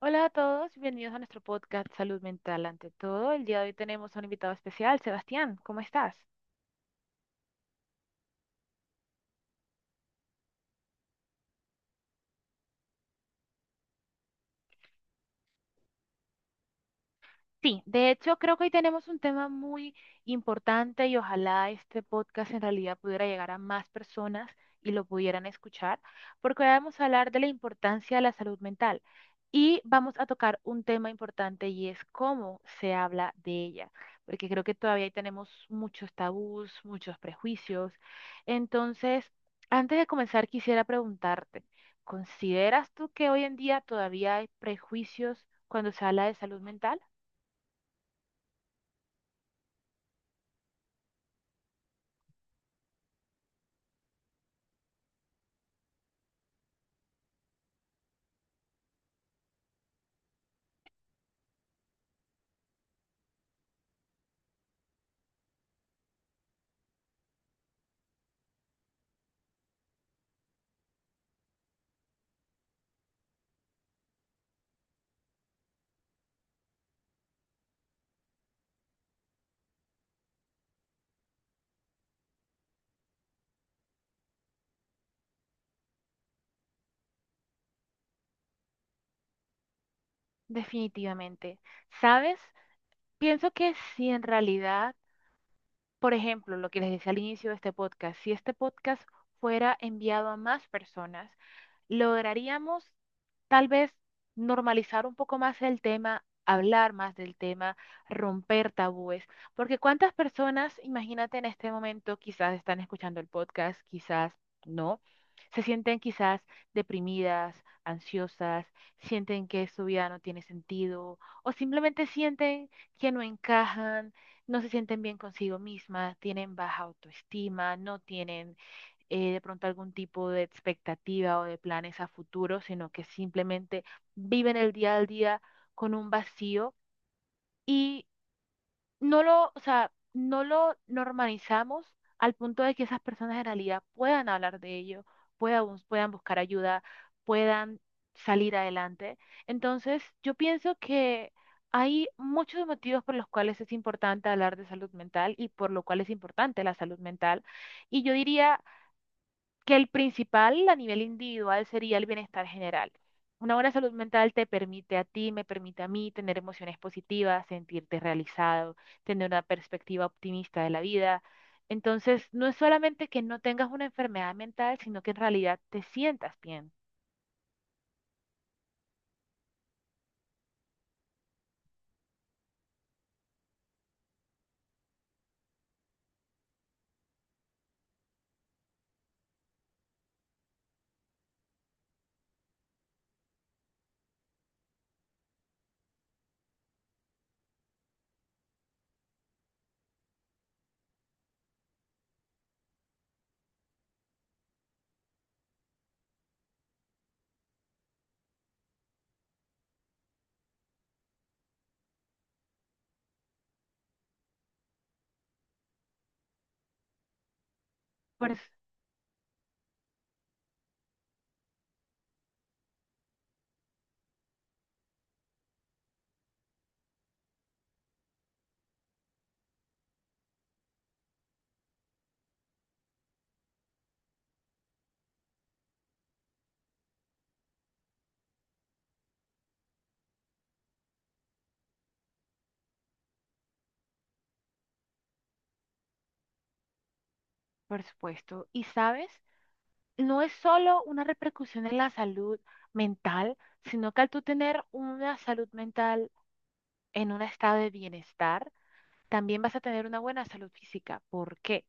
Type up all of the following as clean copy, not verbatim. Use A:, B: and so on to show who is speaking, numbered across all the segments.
A: Hola a todos, bienvenidos a nuestro podcast Salud Mental ante todo. El día de hoy tenemos a un invitado especial, Sebastián, ¿cómo estás? Sí, de hecho creo que hoy tenemos un tema muy importante y ojalá este podcast en realidad pudiera llegar a más personas y lo pudieran escuchar, porque hoy vamos a hablar de la importancia de la salud mental y vamos a tocar un tema importante y es cómo se habla de ella, porque creo que todavía ahí tenemos muchos tabús, muchos prejuicios. Entonces, antes de comenzar quisiera preguntarte, ¿consideras tú que hoy en día todavía hay prejuicios cuando se habla de salud mental? Definitivamente. ¿Sabes? Pienso que si en realidad, por ejemplo, lo que les decía al inicio de este podcast, si este podcast fuera enviado a más personas, lograríamos tal vez normalizar un poco más el tema, hablar más del tema, romper tabúes, porque cuántas personas, imagínate en este momento, quizás están escuchando el podcast, quizás no, se sienten quizás deprimidas, ansiosas, sienten que su vida no tiene sentido o simplemente sienten que no encajan, no se sienten bien consigo mismas, tienen baja autoestima, no tienen de pronto algún tipo de expectativa o de planes a futuro, sino que simplemente viven el día al día con un vacío y no lo, o sea, no lo normalizamos al punto de que esas personas en realidad puedan hablar de ello, puedan, puedan buscar ayuda, puedan salir adelante. Entonces, yo pienso que hay muchos motivos por los cuales es importante hablar de salud mental y por lo cual es importante la salud mental. Y yo diría que el principal a nivel individual sería el bienestar general. Una buena salud mental te permite a ti, me permite a mí tener emociones positivas, sentirte realizado, tener una perspectiva optimista de la vida. Entonces, no es solamente que no tengas una enfermedad mental, sino que en realidad te sientas bien. Por, s- por supuesto. Y sabes, no es solo una repercusión en la salud mental, sino que al tú tener una salud mental en un estado de bienestar, también vas a tener una buena salud física. ¿Por qué?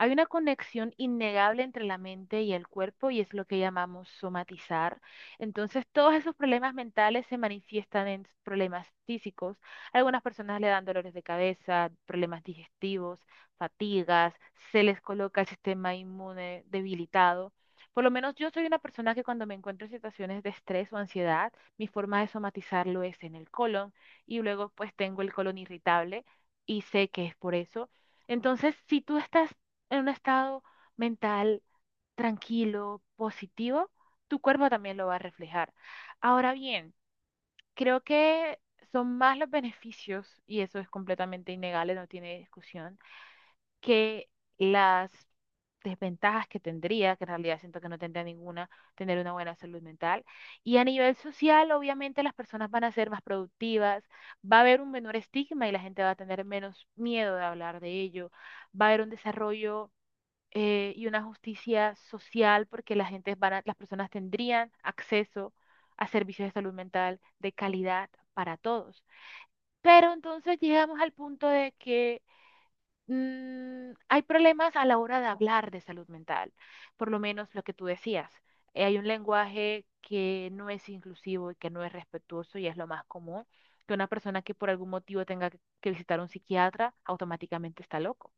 A: Hay una conexión innegable entre la mente y el cuerpo y es lo que llamamos somatizar. Entonces, todos esos problemas mentales se manifiestan en problemas físicos. A algunas personas le dan dolores de cabeza, problemas digestivos, fatigas, se les coloca el sistema inmune debilitado. Por lo menos yo soy una persona que cuando me encuentro en situaciones de estrés o ansiedad, mi forma de somatizarlo es en el colon y luego pues tengo el colon irritable y sé que es por eso. Entonces, si tú estás en un estado mental tranquilo, positivo, tu cuerpo también lo va a reflejar. Ahora bien, creo que son más los beneficios, y eso es completamente innegable, no tiene discusión que las desventajas que tendría, que en realidad siento que no tendría ninguna, tener una buena salud mental. Y a nivel social, obviamente las personas van a ser más productivas, va a haber un menor estigma y la gente va a tener menos miedo de hablar de ello, va a haber un desarrollo y una justicia social porque la gente van a- las personas tendrían acceso a servicios de salud mental de calidad para todos. Pero entonces llegamos al punto de que hay problemas a la hora de hablar de salud mental, por lo menos lo que tú decías. Hay un lenguaje que no es inclusivo y que no es respetuoso y es lo más común, que una persona que por algún motivo tenga que visitar a un psiquiatra automáticamente está loco.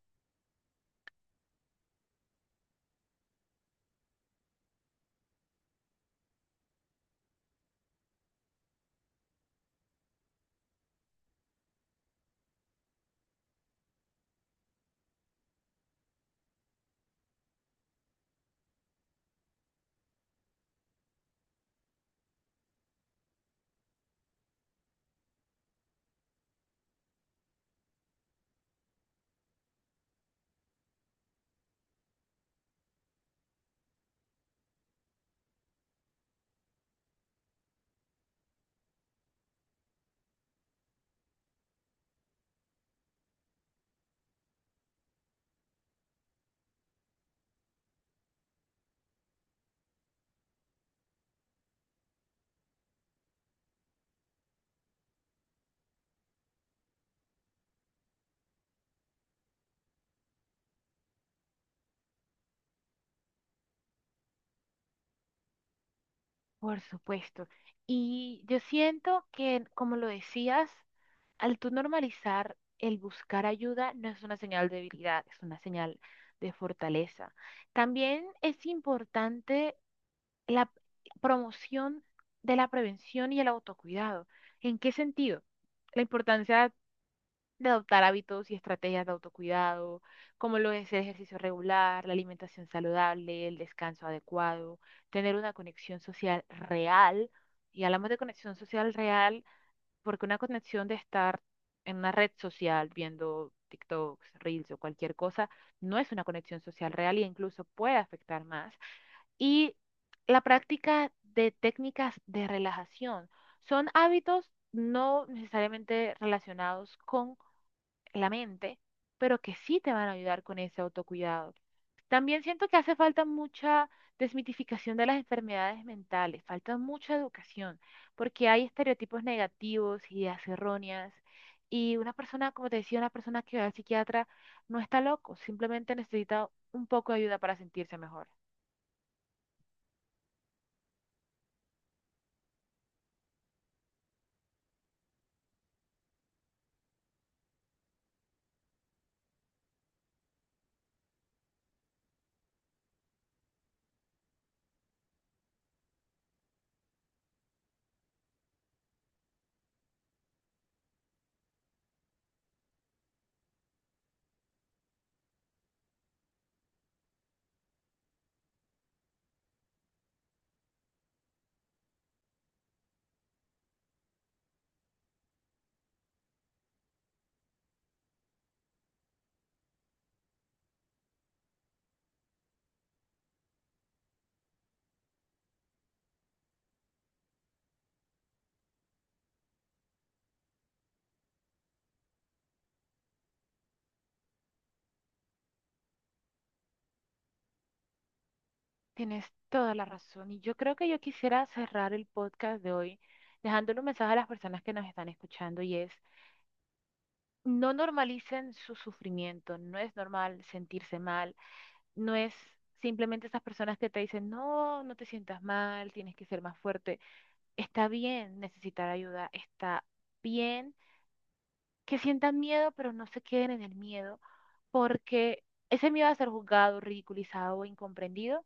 A: Por supuesto. Y yo siento que, como lo decías, al tú normalizar el buscar ayuda no es una señal de debilidad, es una señal de fortaleza. También es importante la promoción de la prevención y el autocuidado. ¿En qué sentido? La importancia de adoptar hábitos y estrategias de autocuidado, como lo es el ejercicio regular, la alimentación saludable, el descanso adecuado, tener una conexión social real. Y hablamos de conexión social real porque una conexión de estar en una red social viendo TikToks, Reels o cualquier cosa, no es una conexión social real e incluso puede afectar más y la práctica de técnicas de relajación. Son hábitos no necesariamente relacionados con la mente, pero que sí te van a ayudar con ese autocuidado. También siento que hace falta mucha desmitificación de las enfermedades mentales, falta mucha educación, porque hay estereotipos negativos, ideas erróneas, y una persona, como te decía, una persona que va al psiquiatra no está loco, simplemente necesita un poco de ayuda para sentirse mejor. Tienes toda la razón. Y yo creo que yo quisiera cerrar el podcast de hoy dejándole un mensaje a las personas que nos están escuchando y es, no normalicen su sufrimiento, no es normal sentirse mal, no es simplemente esas personas que te dicen, no, no te sientas mal, tienes que ser más fuerte. Está bien necesitar ayuda, está bien que sientan miedo, pero no se queden en el miedo porque ese miedo a ser juzgado, ridiculizado o incomprendido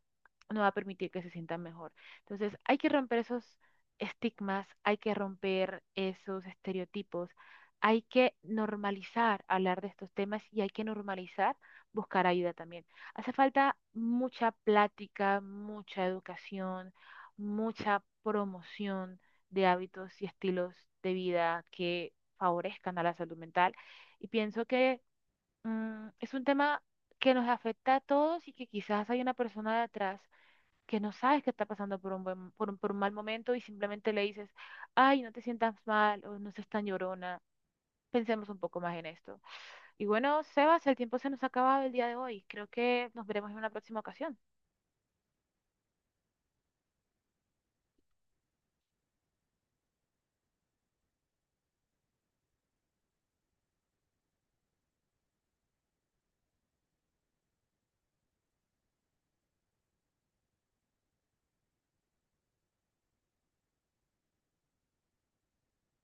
A: no va a permitir que se sientan mejor. Entonces, hay que romper esos estigmas, hay que romper esos estereotipos, hay que normalizar hablar de estos temas y hay que normalizar buscar ayuda también. Hace falta mucha plática, mucha educación, mucha promoción de hábitos y estilos de vida que favorezcan a la salud mental. Y pienso que es un tema que nos afecta a todos y que quizás hay una persona de atrás que no sabes que está pasando por un buen, por un mal momento y simplemente le dices, ay, no te sientas mal o no seas tan llorona. Pensemos un poco más en esto. Y bueno, Sebas, el tiempo se nos ha acabado el día de hoy. Creo que nos veremos en una próxima ocasión.